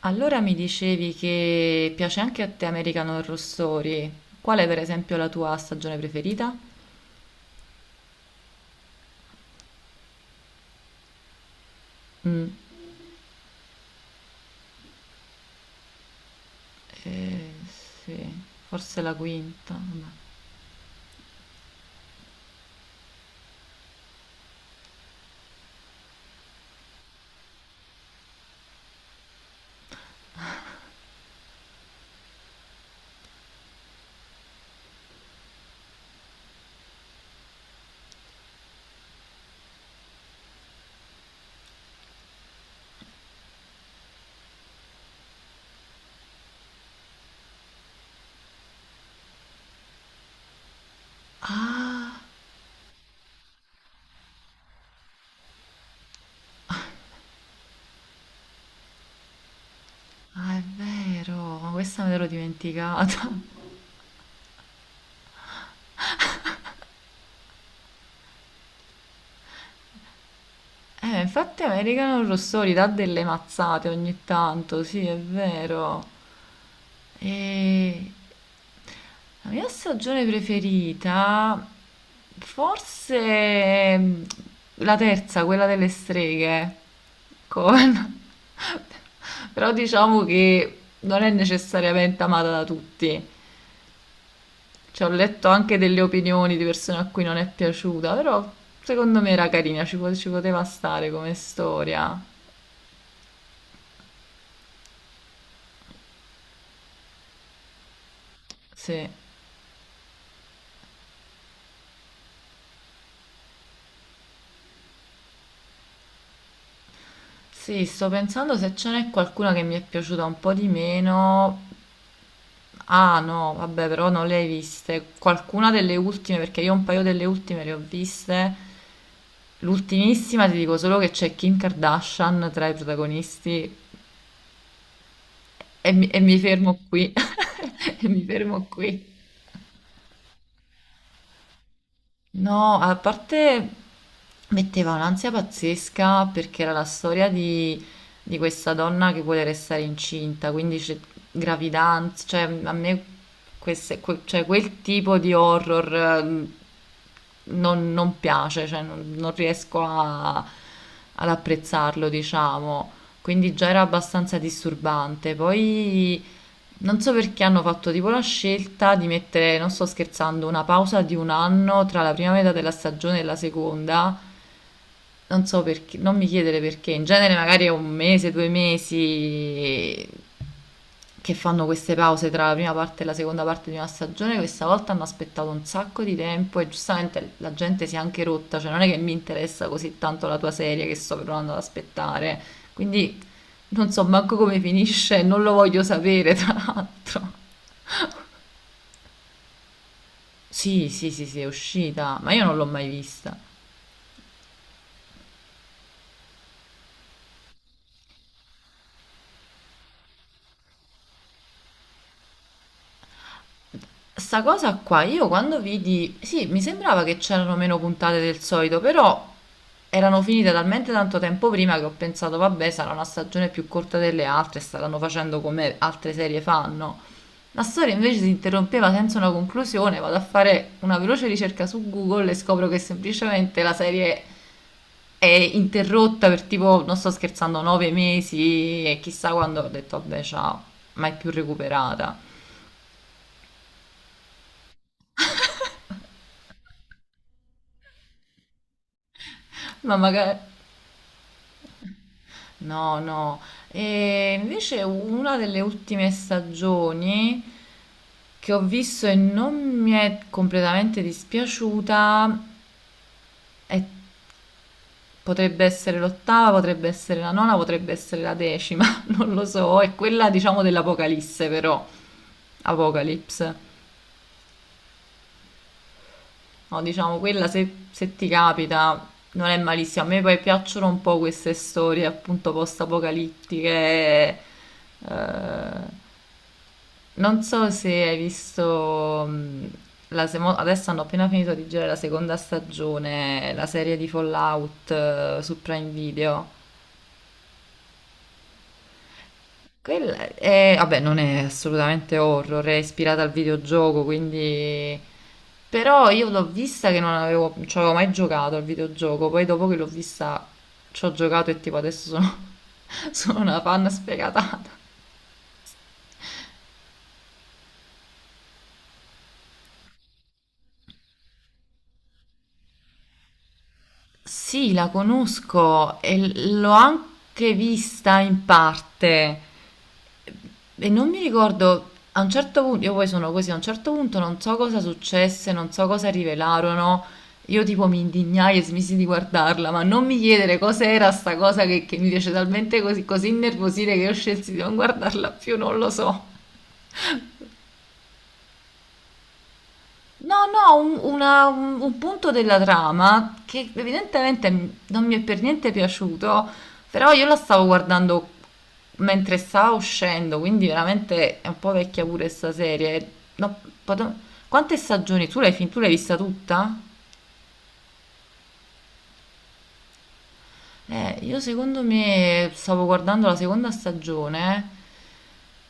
Allora mi dicevi che piace anche a te American Horror Story. Qual è per esempio la tua stagione preferita? Mm, eh, sì, forse la quinta. Vabbè. Ah, ah, è vero, ma questa me l'ero dimenticata. Infatti American Horror Story dà delle mazzate ogni tanto, sì, è vero. E la mia stagione preferita, forse la terza, quella delle streghe, con... però diciamo che non è necessariamente amata da tutti. Cioè, ho letto anche delle opinioni di persone a cui non è piaciuta, però secondo me era carina, ci poteva stare come storia. Sì. Sì, sto pensando se ce n'è qualcuna che mi è piaciuta un po' di meno. Ah no, vabbè, però non le hai viste. Qualcuna delle ultime, perché io un paio delle ultime le ho viste. L'ultimissima ti dico solo che c'è Kim Kardashian tra i protagonisti e mi fermo qui. E mi fermo qui. No, a parte metteva un'ansia pazzesca perché era la storia di questa donna che vuole restare incinta, quindi c'è gravidanza, cioè a me cioè, quel tipo di horror non piace, cioè non riesco ad apprezzarlo, diciamo, quindi già era abbastanza disturbante. Poi non so perché hanno fatto tipo la scelta di mettere, non sto scherzando, una pausa di un anno tra la prima metà della stagione e la seconda, non so perché, non mi chiedere perché, in genere magari è un mese, 2 mesi che fanno queste pause tra la prima parte e la seconda parte di una stagione, questa volta hanno aspettato un sacco di tempo e giustamente la gente si è anche rotta, cioè non è che mi interessa così tanto la tua serie che sto provando ad aspettare, quindi non so manco come finisce, non lo voglio sapere tra l'altro. Sì, sì, sì, sì, è uscita, ma io non l'ho mai vista. Sta cosa qua, io quando vidi, sì, mi sembrava che c'erano meno puntate del solito, però erano finite talmente tanto tempo prima che ho pensato, vabbè, sarà una stagione più corta delle altre, staranno facendo come altre serie fanno. La storia invece si interrompeva senza una conclusione, vado a fare una veloce ricerca su Google e scopro che semplicemente la serie è interrotta per tipo, non sto scherzando, 9 mesi e chissà quando ho detto, vabbè, ciao, mai più recuperata. Ma magari... No, no. E invece una delle ultime stagioni che ho visto e non mi è completamente dispiaciuta è- potrebbe essere l'ottava, potrebbe essere la nona, potrebbe essere la decima, non lo so, è quella diciamo dell'Apocalisse, però Apocalypse. No, diciamo quella, se se ti capita non è malissima. A me poi piacciono un po' queste storie appunto post-apocalittiche. Eh, Non so se hai visto, adesso hanno appena finito di girare la seconda stagione, la serie di Fallout, su Prime Video. Quella è, vabbè, non è assolutamente horror, è ispirata al videogioco, quindi... Però io l'ho vista che non avevo, non ci avevo mai giocato al videogioco, poi dopo che l'ho vista ci ho giocato e tipo adesso sono, sono una fan sfegatata. Sì, la conosco e l'ho anche vista in parte e non mi ricordo a un certo punto, io poi sono così, a un certo punto non so cosa successe, non so cosa rivelarono, io tipo mi indignai e smisi di guardarla, ma non mi chiedere cos'era sta cosa che mi fece talmente così, così innervosire che io scelsi di non guardarla più, non lo so. No, no, un punto della trama che evidentemente non mi è per niente piaciuto, però io la stavo guardando mentre stava uscendo, quindi veramente è un po' vecchia pure sta serie. No, pot- Quante stagioni? Tu l'hai vista tutta? Io secondo me stavo guardando la seconda stagione.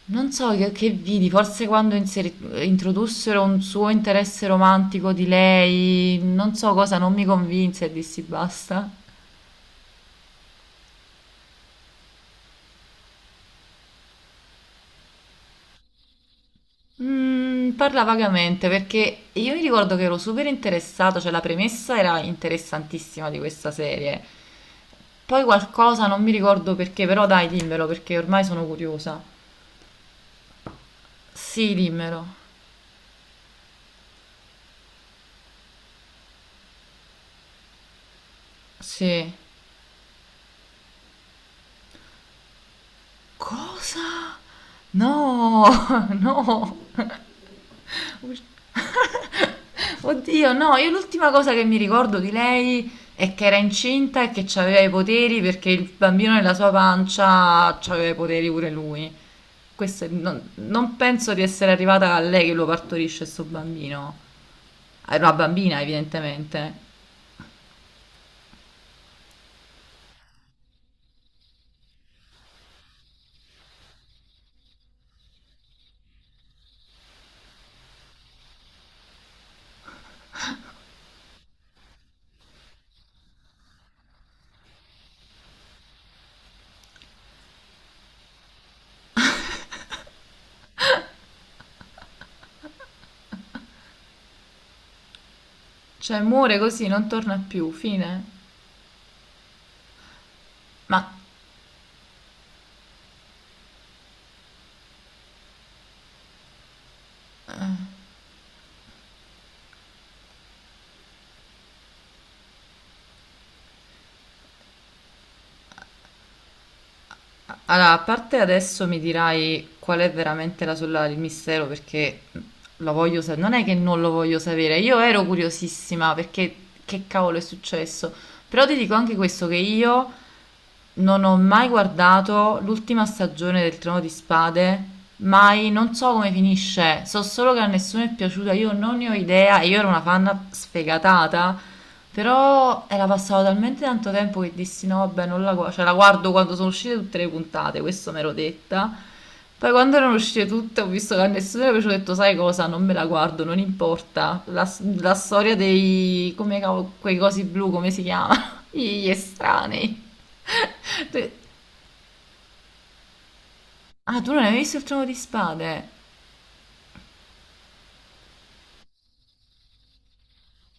Non so che vidi, forse quando introdussero un suo interesse romantico di lei, non so cosa, non mi convinse e dissi basta. Parla vagamente perché io mi ricordo che ero super interessato, cioè la premessa era interessantissima di questa serie. Poi qualcosa, non mi ricordo perché, però dai, dimmelo perché ormai sono curiosa. Sì, dimmelo. Sì. Cosa? No, no. Oddio, no, io l'ultima cosa che mi ricordo di lei è che era incinta e che aveva i poteri perché il bambino nella sua pancia aveva i poteri pure lui. Questo è- non, non penso di essere arrivata a lei che lo partorisce sto bambino. Era una bambina, evidentemente. Cioè, muore così, non torna più, fine. Ma Allora, a parte adesso mi dirai qual è veramente la sorella del mistero, perché lo voglio sapere, non è che non lo voglio sapere, io ero curiosissima perché che cavolo è successo, però ti dico anche questo che io non ho mai guardato l'ultima stagione del Trono di Spade, mai, non so come finisce, so solo che a nessuno è piaciuta, io non ne ho idea e io ero una fan sfegatata, però era passato talmente tanto tempo che dissi no, vabbè, non cioè, la guardo quando sono uscite tutte le puntate, questo me l'ero detta. Poi quando erano uscite tutte ho visto che a nessuno era piaciuto ho detto sai cosa, non me la guardo, non importa. La la storia dei... come cavolo- quei cosi blu, come si chiama? Gli estranei. Tu- Ah, tu non hai mai visto il Trono di Spade?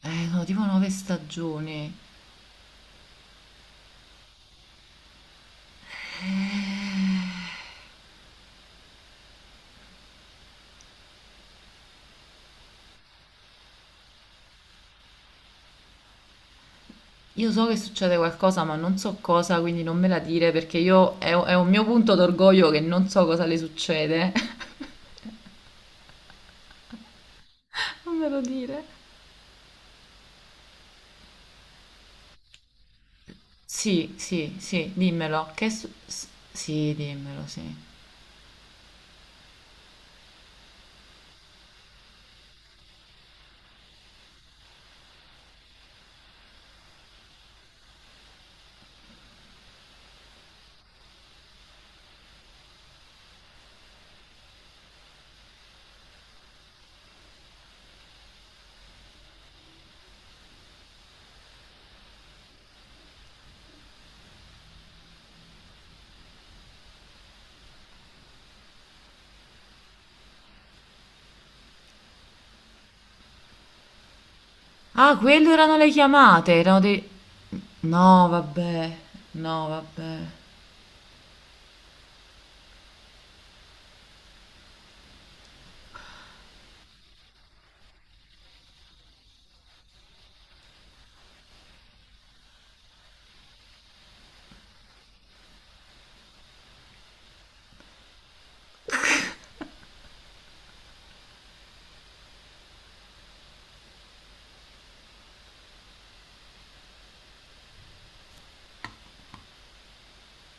Sono tipo 9 stagioni. Io so che succede qualcosa, ma non so cosa, quindi non me la dire perché io è un mio punto d'orgoglio che non so cosa le succede. Non me lo dire. Sì, sì, sì, dimmelo. Sì, dimmelo, sì. Ah, quelle erano le chiamate, erano dei... No, vabbè, no, vabbè.